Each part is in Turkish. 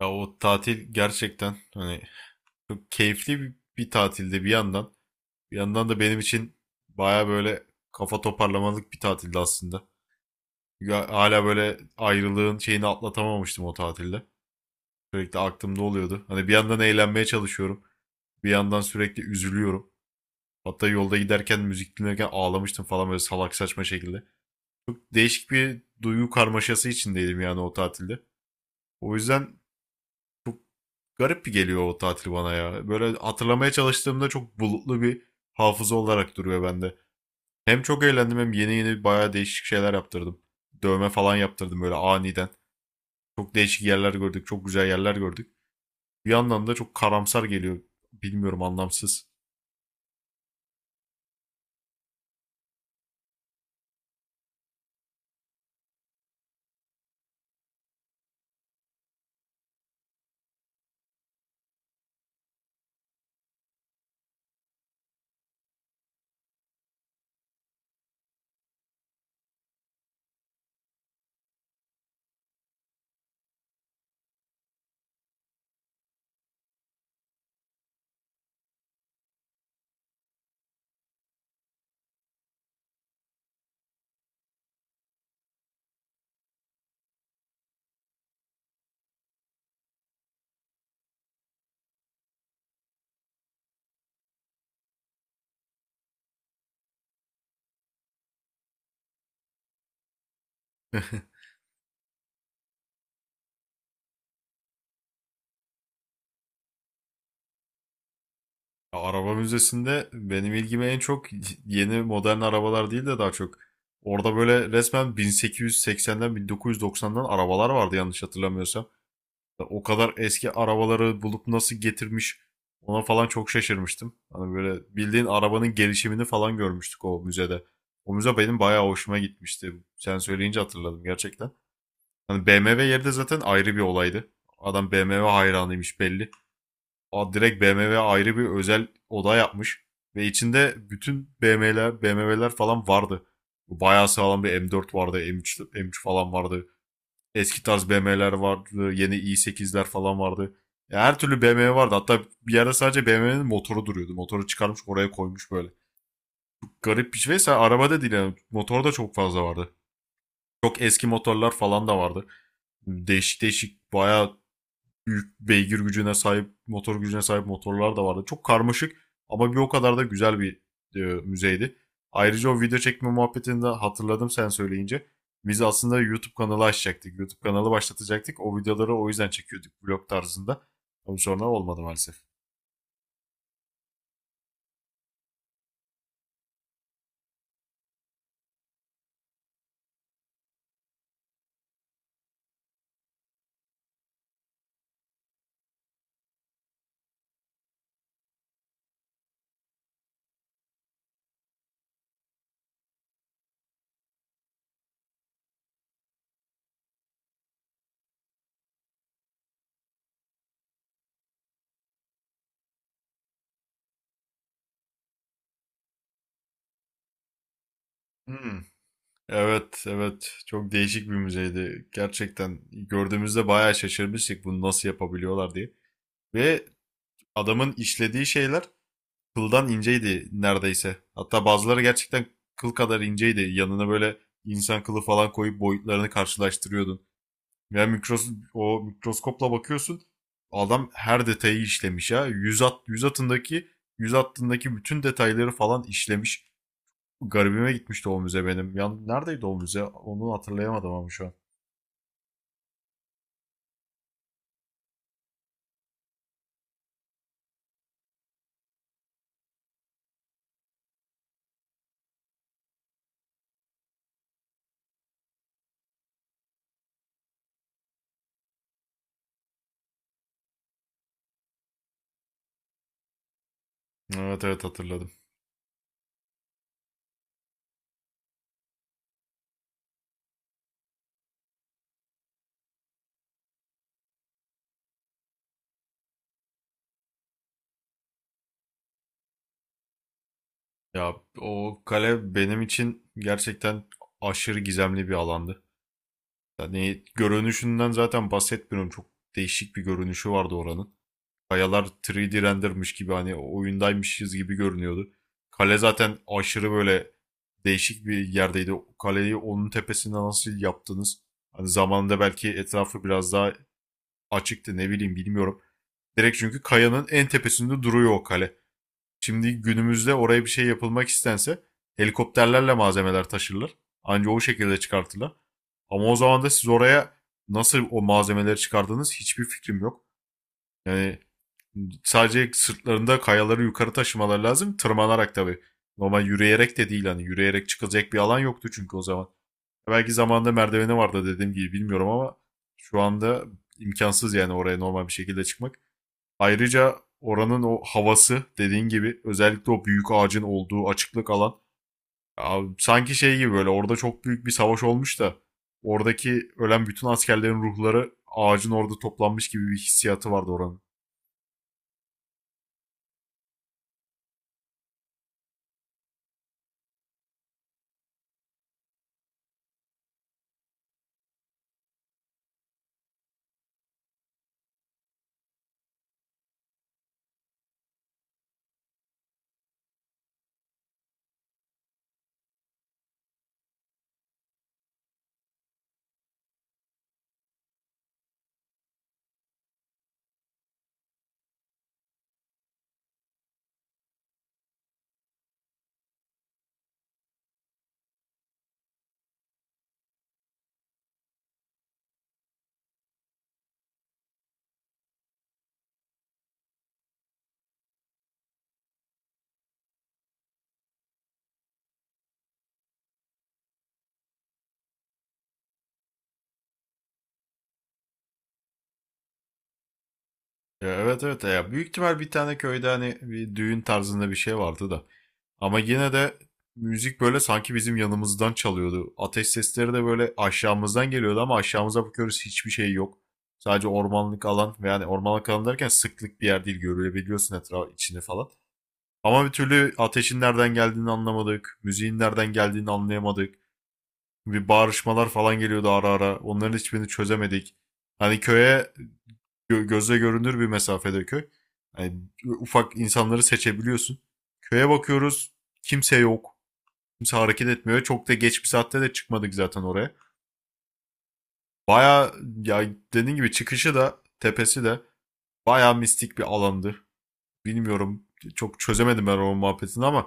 Ya o tatil gerçekten hani çok keyifli bir tatilde bir yandan. Bir yandan da benim için baya böyle kafa toparlamalık bir tatildi aslında. Çünkü hala böyle ayrılığın şeyini atlatamamıştım o tatilde. Sürekli aklımda oluyordu. Hani bir yandan eğlenmeye çalışıyorum. Bir yandan sürekli üzülüyorum. Hatta yolda giderken müzik dinlerken ağlamıştım falan böyle salak saçma şekilde. Çok değişik bir duygu karmaşası içindeydim yani o tatilde. O yüzden çok garip bir geliyor o tatil bana ya. Böyle hatırlamaya çalıştığımda çok bulutlu bir hafıza olarak duruyor bende. Hem çok eğlendim hem yeni yeni bayağı değişik şeyler yaptırdım. Dövme falan yaptırdım böyle aniden. Çok değişik yerler gördük, çok güzel yerler gördük. Bir yandan da çok karamsar geliyor. Bilmiyorum, anlamsız. Araba müzesinde benim ilgime en çok yeni modern arabalar değil de daha çok orada böyle resmen 1880'den 1990'dan arabalar vardı yanlış hatırlamıyorsam. O kadar eski arabaları bulup nasıl getirmiş ona falan çok şaşırmıştım. Hani böyle bildiğin arabanın gelişimini falan görmüştük o müzede. O müze benim bayağı hoşuma gitmişti. Sen söyleyince hatırladım gerçekten. Hani BMW yeri de zaten ayrı bir olaydı. Adam BMW hayranıymış belli. Aa, direkt BMW ayrı bir özel oda yapmış. Ve içinde bütün BMW'ler, BMW'ler falan vardı. Bayağı sağlam bir M4 vardı, M3, M3 falan vardı. Eski tarz BMW'ler vardı. Yeni i8'ler falan vardı. Ya, her türlü BMW vardı. Hatta bir yerde sadece BMW'nin motoru duruyordu. Motoru çıkarmış oraya koymuş böyle. Garip bir şey. Mesela arabada değil yani. Motor da çok fazla vardı. Çok eski motorlar falan da vardı. Değişik değişik bayağı büyük beygir gücüne sahip, motor gücüne sahip motorlar da vardı. Çok karmaşık ama bir o kadar da güzel bir müzeydi. Ayrıca o video çekme muhabbetinde hatırladım sen söyleyince. Biz aslında YouTube kanalı açacaktık. YouTube kanalı başlatacaktık. O videoları o yüzden çekiyorduk vlog tarzında. Ama sonra olmadı maalesef. Hmm. Evet, evet. Çok değişik bir müzeydi. Gerçekten gördüğümüzde bayağı şaşırmıştık bunu nasıl yapabiliyorlar diye. Ve adamın işlediği şeyler kıldan inceydi neredeyse. Hatta bazıları gerçekten kıl kadar inceydi. Yanına böyle insan kılı falan koyup boyutlarını karşılaştırıyordun. Ya mikros o mikroskopla bakıyorsun. Adam her detayı işlemiş ya. Yüz at yüz atındaki yüz hattındaki bütün detayları falan işlemiş. Garibime gitmişti o müze benim. Ya neredeydi o müze? Onu hatırlayamadım ama şu an. Evet evet, hatırladım. Ya o kale benim için gerçekten aşırı gizemli bir alandı. Yani görünüşünden zaten bahsetmiyorum. Çok değişik bir görünüşü vardı oranın. Kayalar 3D rendermiş gibi hani oyundaymışız gibi görünüyordu. Kale zaten aşırı böyle değişik bir yerdeydi. Kaleyi onun tepesinde nasıl yaptınız? Hani zamanında belki etrafı biraz daha açıktı, ne bileyim, bilmiyorum. Direkt çünkü kayanın en tepesinde duruyor o kale. Şimdi günümüzde oraya bir şey yapılmak istense helikopterlerle malzemeler taşırlar. Anca o şekilde çıkartırlar. Ama o zaman da siz oraya nasıl o malzemeleri çıkardınız hiçbir fikrim yok. Yani sadece sırtlarında kayaları yukarı taşımaları lazım. Tırmanarak tabii. Normal yürüyerek de değil, hani yürüyerek çıkılacak bir alan yoktu çünkü o zaman. Belki zamanında merdiveni vardı dediğim gibi, bilmiyorum ama şu anda imkansız yani oraya normal bir şekilde çıkmak. Ayrıca oranın o havası dediğin gibi özellikle o büyük ağacın olduğu açıklık alan, abi, sanki şey gibi böyle orada çok büyük bir savaş olmuş da oradaki ölen bütün askerlerin ruhları ağacın orada toplanmış gibi bir hissiyatı vardı oranın. Ya, evet evet, ya büyük ihtimal bir tane köyde hani bir düğün tarzında bir şey vardı da. Ama yine de müzik böyle sanki bizim yanımızdan çalıyordu. Ateş sesleri de böyle aşağımızdan geliyordu ama aşağımıza bakıyoruz hiçbir şey yok. Sadece ormanlık alan ve yani ormanlık alan derken sıklık bir yer değil, görülebiliyorsun etraf içini falan. Ama bir türlü ateşin nereden geldiğini anlamadık. Müziğin nereden geldiğini anlayamadık. Bir bağırışmalar falan geliyordu ara ara. Onların hiçbirini çözemedik. Hani köye gözle görünür bir mesafede köy. Yani ufak insanları seçebiliyorsun. Köye bakıyoruz. Kimse yok. Kimse hareket etmiyor. Çok da geç bir saatte de çıkmadık zaten oraya. Baya, ya, dediğin gibi çıkışı da tepesi de baya mistik bir alandı. Bilmiyorum, çok çözemedim ben o muhabbetini ama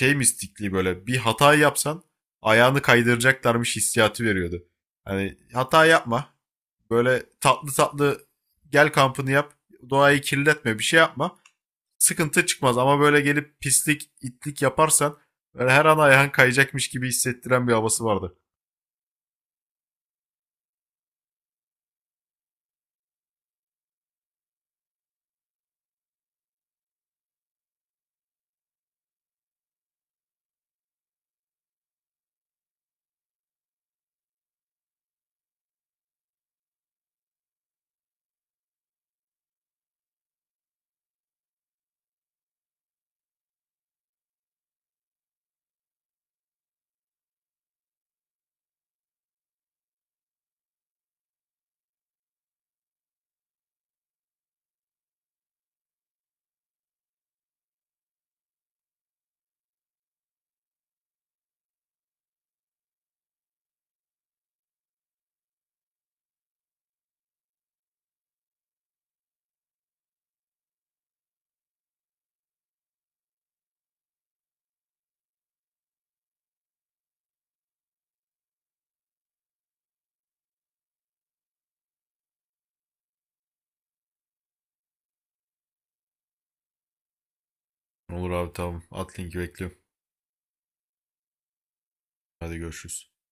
şey mistikliği, böyle bir hata yapsan ayağını kaydıracaklarmış hissiyatı veriyordu. Hani hata yapma. Böyle tatlı tatlı gel kampını yap. Doğayı kirletme, bir şey yapma. Sıkıntı çıkmaz ama böyle gelip pislik itlik yaparsan böyle her an ayağın kayacakmış gibi hissettiren bir havası vardı. Olur abi, tamam. At linki, bekliyorum. Hadi görüşürüz.